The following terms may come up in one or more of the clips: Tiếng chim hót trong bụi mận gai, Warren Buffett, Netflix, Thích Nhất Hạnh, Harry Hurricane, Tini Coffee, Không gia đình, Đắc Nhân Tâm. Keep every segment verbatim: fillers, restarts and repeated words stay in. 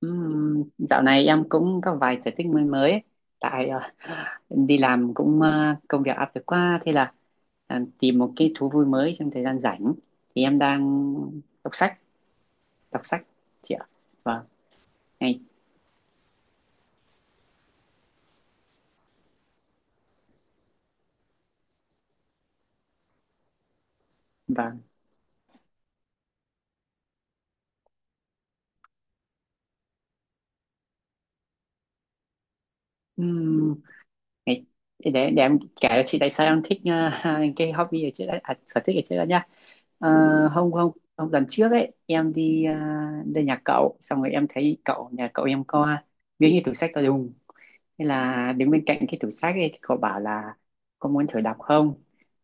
Ừm, dạo này em cũng có vài sở thích mới mới ấy. Tại ờ, em đi làm cũng ờ, công việc áp lực quá, thế là ờ, tìm một cái thú vui mới trong thời gian rảnh thì em đang đọc sách, đọc sách chị ạ. Vâng. Ngày. Vâng. Ừm, Ngày. Để để em kể cho chị tại sao em thích ờ, cái hobby ở trước đấy, à, sở thích ở trước đó nhá. Ờ, hôm hôm hôm lần trước ấy em đi ờ, lên nhà cậu, xong rồi em thấy cậu, nhà cậu em có miếng như tủ sách to đùng. Thế là đứng bên cạnh cái tủ sách ấy, cậu bảo là có muốn thử đọc không?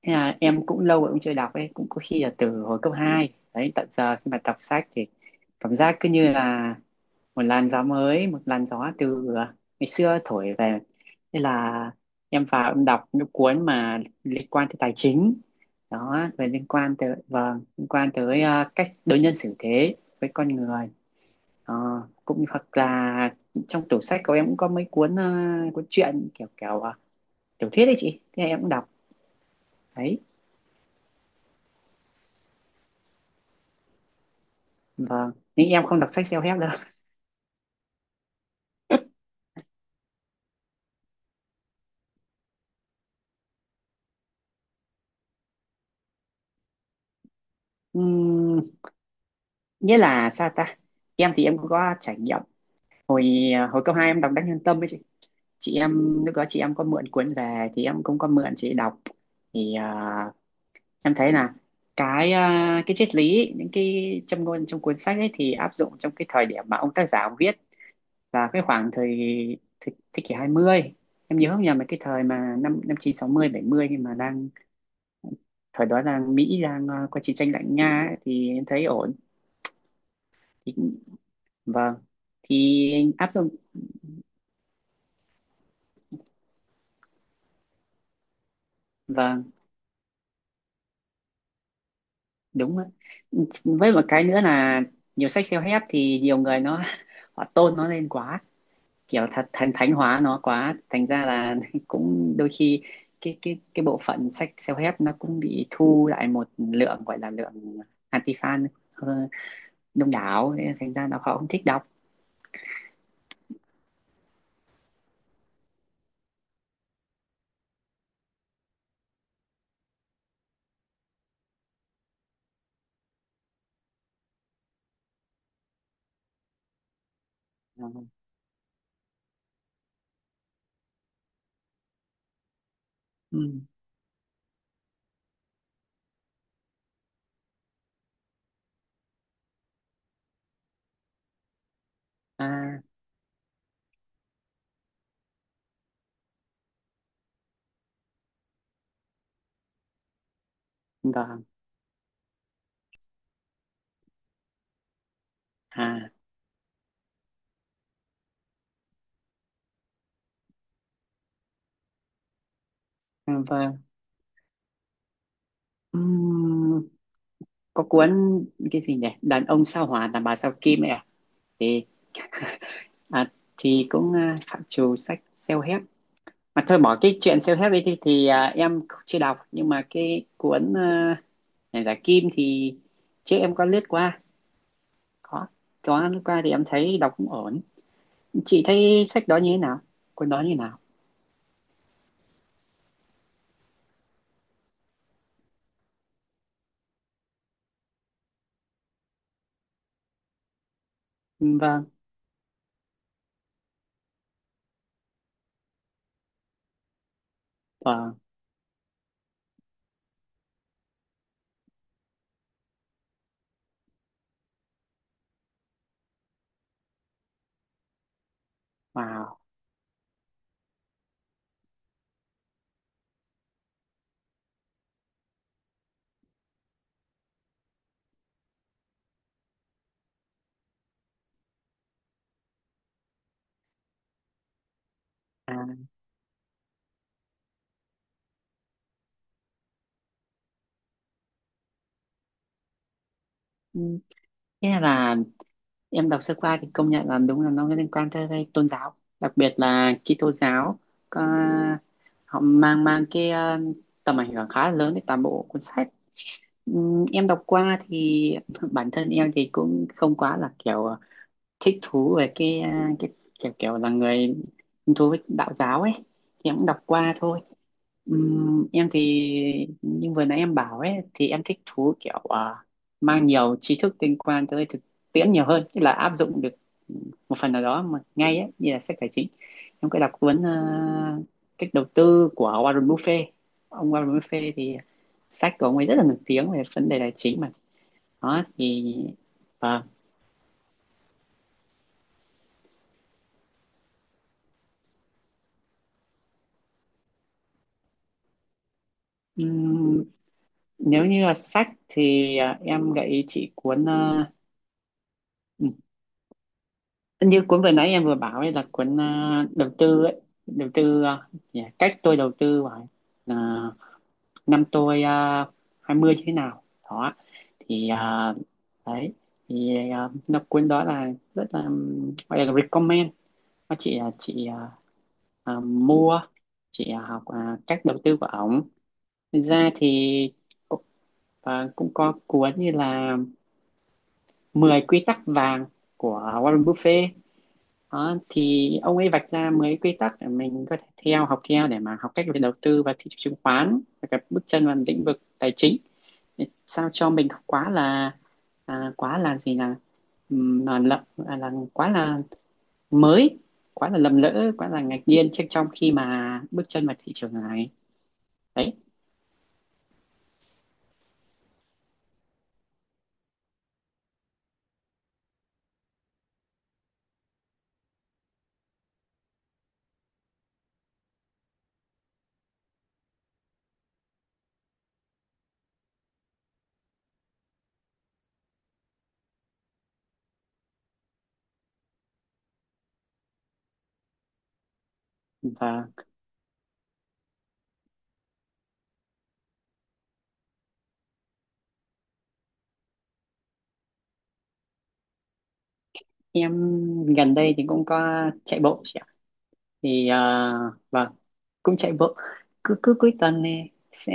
Thế là em cũng lâu rồi cũng chưa đọc ấy, cũng có khi là từ hồi cấp hai. Đấy, tận giờ khi mà đọc sách thì cảm giác cứ như là một làn gió mới, một làn gió từ ngày xưa thổi về. Thế là em vào em đọc những cuốn mà liên quan tới tài chính. Đó, rồi liên quan tới, vâng, liên quan tới ờ, cách đối nhân xử thế với con người. Ờ, cũng hoặc là trong tủ sách của em cũng có mấy cuốn ờ, cuốn truyện kiểu kiểu ờ, tiểu thuyết đấy chị, thế em cũng đọc đấy. Vâng, nhưng em không đọc sách self-help đâu. Ừm, Nghĩa là sao ta, em thì em cũng có trải nghiệm. Hồi ờ, hồi cấp hai em đọc Đắc Nhân Tâm với chị chị em lúc đó chị em có mượn cuốn về thì em cũng có mượn chị đọc. Thì ờ, em thấy là cái ờ, cái triết lý, những cái châm ngôn trong cuốn sách ấy thì áp dụng trong cái thời điểm mà ông tác giả viết và cái khoảng thời, thế, thế kỷ hai mươi, em nhớ không nhầm là cái thời mà năm năm chín sáu mươi bảy mươi, khi mà đang thời đó là Mỹ đang ờ, có chiến tranh lạnh Nga ấy, thì em thấy ổn. Thì, vâng. Thì áp dụng. Vâng, đúng ạ. Với một cái nữa là nhiều sách self-help thì nhiều người nó họ tôn nó lên quá, kiểu thật thành thánh hóa nó quá, thành ra là cũng đôi khi cái cái cái bộ phận sách self-help nó cũng bị thu lại một lượng, gọi là lượng anti-fan đông đảo, thế là thành ra là họ cũng thích đọc. Ờ, ừ. À, vâng. À, à, vâng. Ừm, có cuốn cái gì nhỉ, đàn ông sao hỏa đàn bà sao kim ấy à, thì à, thì cũng à, phạm trù sách self-help mà thôi. Bỏ cái chuyện self-help ấy thì, thì à, em chưa đọc, nhưng mà cái cuốn à, này là Kim thì trước em có lướt qua, có có lướt qua thì em thấy đọc cũng ổn. Chị thấy sách đó như thế nào, cuốn đó như thế nào? Ừ, vâng. Vâng. Wow. À. Ừ, nghĩa là em đọc sơ qua thì công nhận là đúng là nó liên quan tới cái tôn giáo, đặc biệt là Kitô giáo. Có, họ mang mang cái ờ, tầm ảnh hưởng khá là lớn đến toàn bộ cuốn sách. Ừm, Em đọc qua thì bản thân em thì cũng không quá là kiểu thích thú về cái ờ, cái kiểu kiểu là người hứng thú với đạo giáo ấy. Thì em cũng đọc qua thôi. Ừm, em thì như vừa nãy em bảo ấy thì em thích thú kiểu à, mang nhiều tri thức liên quan tới thực tiễn nhiều hơn, tức là áp dụng được một phần nào đó mà ngay ấy, như là sách tài chính. Em có đọc cuốn à, cách đầu tư của Warren Buffett. Ông Warren Buffett thì sách của ông ấy rất là nổi tiếng về vấn đề tài chính mà. Đó thì vâng. Ừm, Nếu như là sách thì à, em gợi ý chị cuốn à, như cuốn vừa nãy em vừa bảo ấy là cuốn à, đầu tư ấy, đầu tư à, nhỉ, cách tôi đầu tư vào à, năm tôi uh, hai mươi như thế nào đó, thì à, đấy. Thì à, nó cuốn đó là rất là ừm, gọi là recommend. Nó chị à, chị à, à, mua, chị à, học à, cách đầu tư của ổng. Thật ra thì cũng- và cũng có cuốn như là mười quy tắc vàng của Warren Buffett. Đó, thì ông ấy vạch ra mấy quy tắc để mình có thể theo, học theo để mà học cách về đầu tư và thị trường chứng khoán và các bước chân vào lĩnh vực tài chính, để sao cho mình không quá là à, quá là gì là ừm, là, lậm- à, là quá là mới, quá là lầm lỡ, quá là ngạc nhiên trước trong khi mà bước chân vào thị trường này. Đấy. Và em gần đây thì cũng có chạy bộ. Thì à, vâng, cũng chạy bộ. Cứ cứ cuối tuần này sẽ,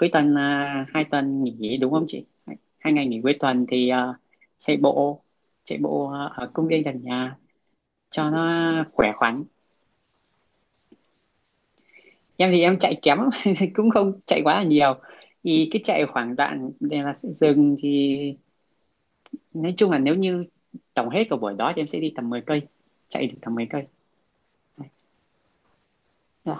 cuối tuần là hai tuần nghỉ đúng không chị, hai, hai ngày nghỉ cuối tuần thì à, chạy bộ, chạy bộ à, ở công viên gần nhà cho nó khỏe khoắn. Em thì em chạy kém lắm, cũng không chạy quá là nhiều, thì cứ chạy khoảng đoạn để là sẽ dừng thì nói chung là nếu như tổng hết cả buổi đó thì em sẽ đi tầm mười cây, chạy được tầm mười cây. Đấy.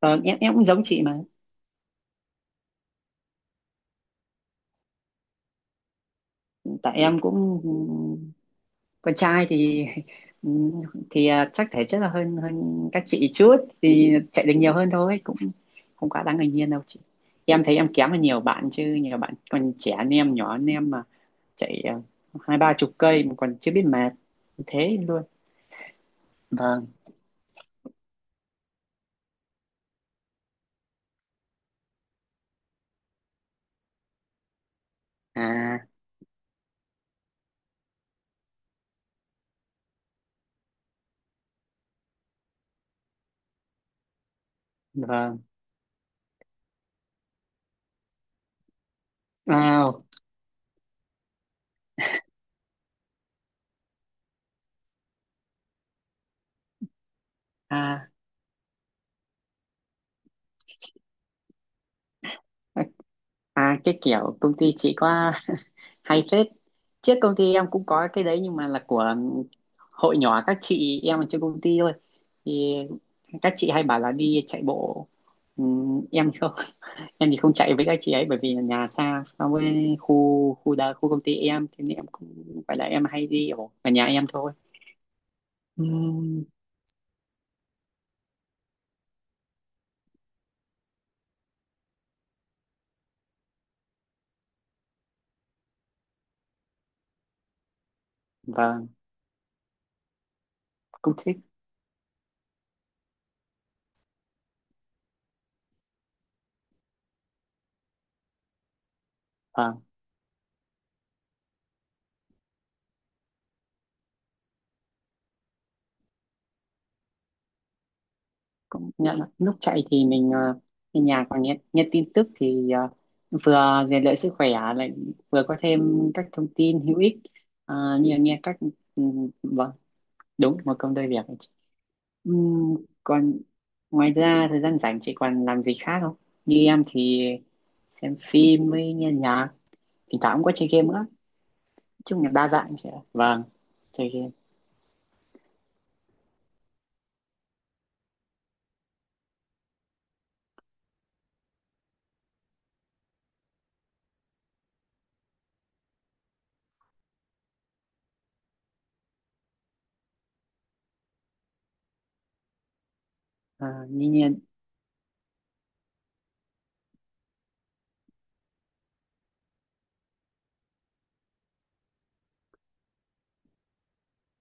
Vâng, em em cũng giống chị mà. Tại em cũng con trai thì ừ, thì à, chắc thể chất là hơn hơn các chị chút thì chạy được nhiều hơn thôi, cũng không quá đáng ngạc nhiên đâu chị. Em thấy em kém hơn nhiều bạn chứ, nhiều bạn còn trẻ hơn em, nhỏ hơn em mà chạy à, hai ba chục cây mà còn chưa biết mệt thế luôn. Vâng. À, vâng. Wow. À, à, cái kiểu công ty chị có hay phết. Trước công ty em cũng có cái đấy nhưng mà là của hội nhỏ các chị em ở trên công ty thôi. Thì các chị hay bảo là đi chạy bộ. Ừm, em thì không. Em thì không chạy với các chị ấy bởi vì là nhà xa so với khu khu đa khu công ty em, thế nên em cũng phải là em hay đi ở ở nhà em thôi. Ừm, vâng, cũng thích, công nhận là lúc chạy thì mình ờ, nghe nhạc và nghe nghe tin tức thì ờ, vừa rèn luyện sức khỏe lại vừa có thêm các thông tin hữu ích, ờ, như là nghe các. Ừm, vâng, đúng một công đôi việc. Ừm, Còn ngoài ra thời gian rảnh chị còn làm gì khác không? Như em thì xem phim với nghe nhạc, thỉnh thoảng cũng có chơi game nữa, nói chung là đa dạng chị ạ. Vâng, chơi game. Ờ, như như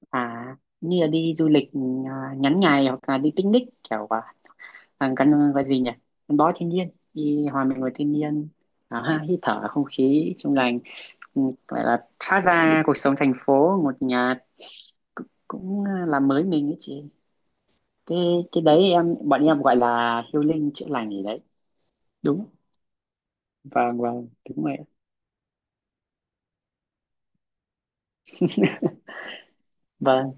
à như là đi du lịch ừm, à, ngắn ngày hoặc là đi picnic kiểu ờ, thằng căn gọi gì nhỉ, gắn bó thiên nhiên, đi hòa mình với thiên nhiên. Đó, hít thở không khí trong lành. Ừ, gọi là thoát ra cuộc sống thành phố một nhà, cũng, cũng làm mới mình ấy chị. Cái cái đấy em, bọn em gọi là healing, chữa lành gì đấy. Đúng, vâng, vâng, đúng vậy. Vâng,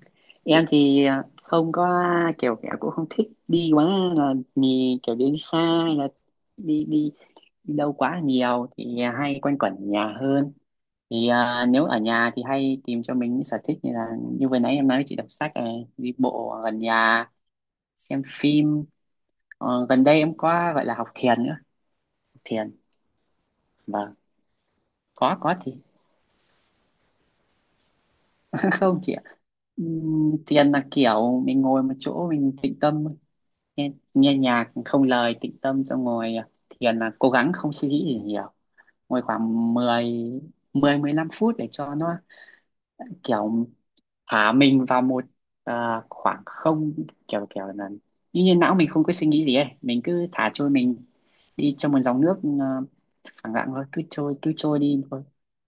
em thì à, không có kiểu kiểu cũng không thích đi quá là nhì kiểu đến xa, hay là đi đi đi đâu quá nhiều thì hay quanh quẩn ở nhà hơn. Thì à, nếu ở nhà thì hay tìm cho mình những sở thích như là, như vừa nãy em nói chị, đọc sách này, đi bộ gần nhà, xem phim. Ờ, gần đây em có gọi là học thiền nữa, học thiền. Vâng. Có có thì không chị ạ. Ừm, thiền là kiểu mình ngồi một chỗ mình tĩnh tâm, nghe, nghe nhạc không lời tĩnh tâm, xong ngồi à, thiền là cố gắng không suy nghĩ gì nhiều, ngồi khoảng mười mười mười 15 phút để cho nó kiểu thả mình vào một à, khoảng không, kiểu kiểu là như như não mình không có suy nghĩ gì ấy, mình cứ thả trôi mình đi trong một dòng nước uh, phẳng lặng thôi, cứ trôi cứ trôi đi thôi,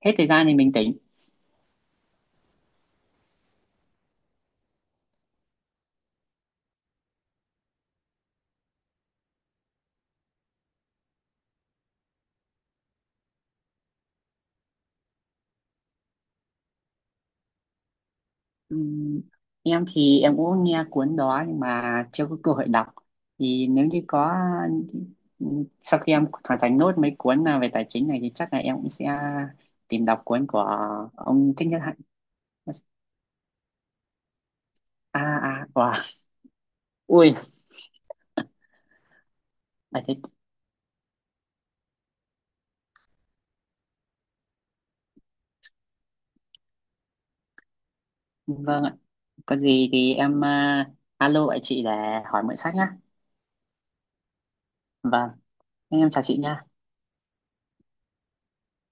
hết thời gian thì mình tỉnh. Ừm, em thì em cũng nghe cuốn đó nhưng mà chưa có cơ hội đọc, thì nếu như có ừm, sau khi em hoàn thành nốt mấy cuốn à, về tài chính này thì chắc là em cũng sẽ tìm đọc cuốn của ông Thích Nhất Hạnh. À, à, wow. Ui. Vâng ạ. Có gì thì em à, alo lại chị để hỏi mượn sách nhá. Vâng, em chào chị nha.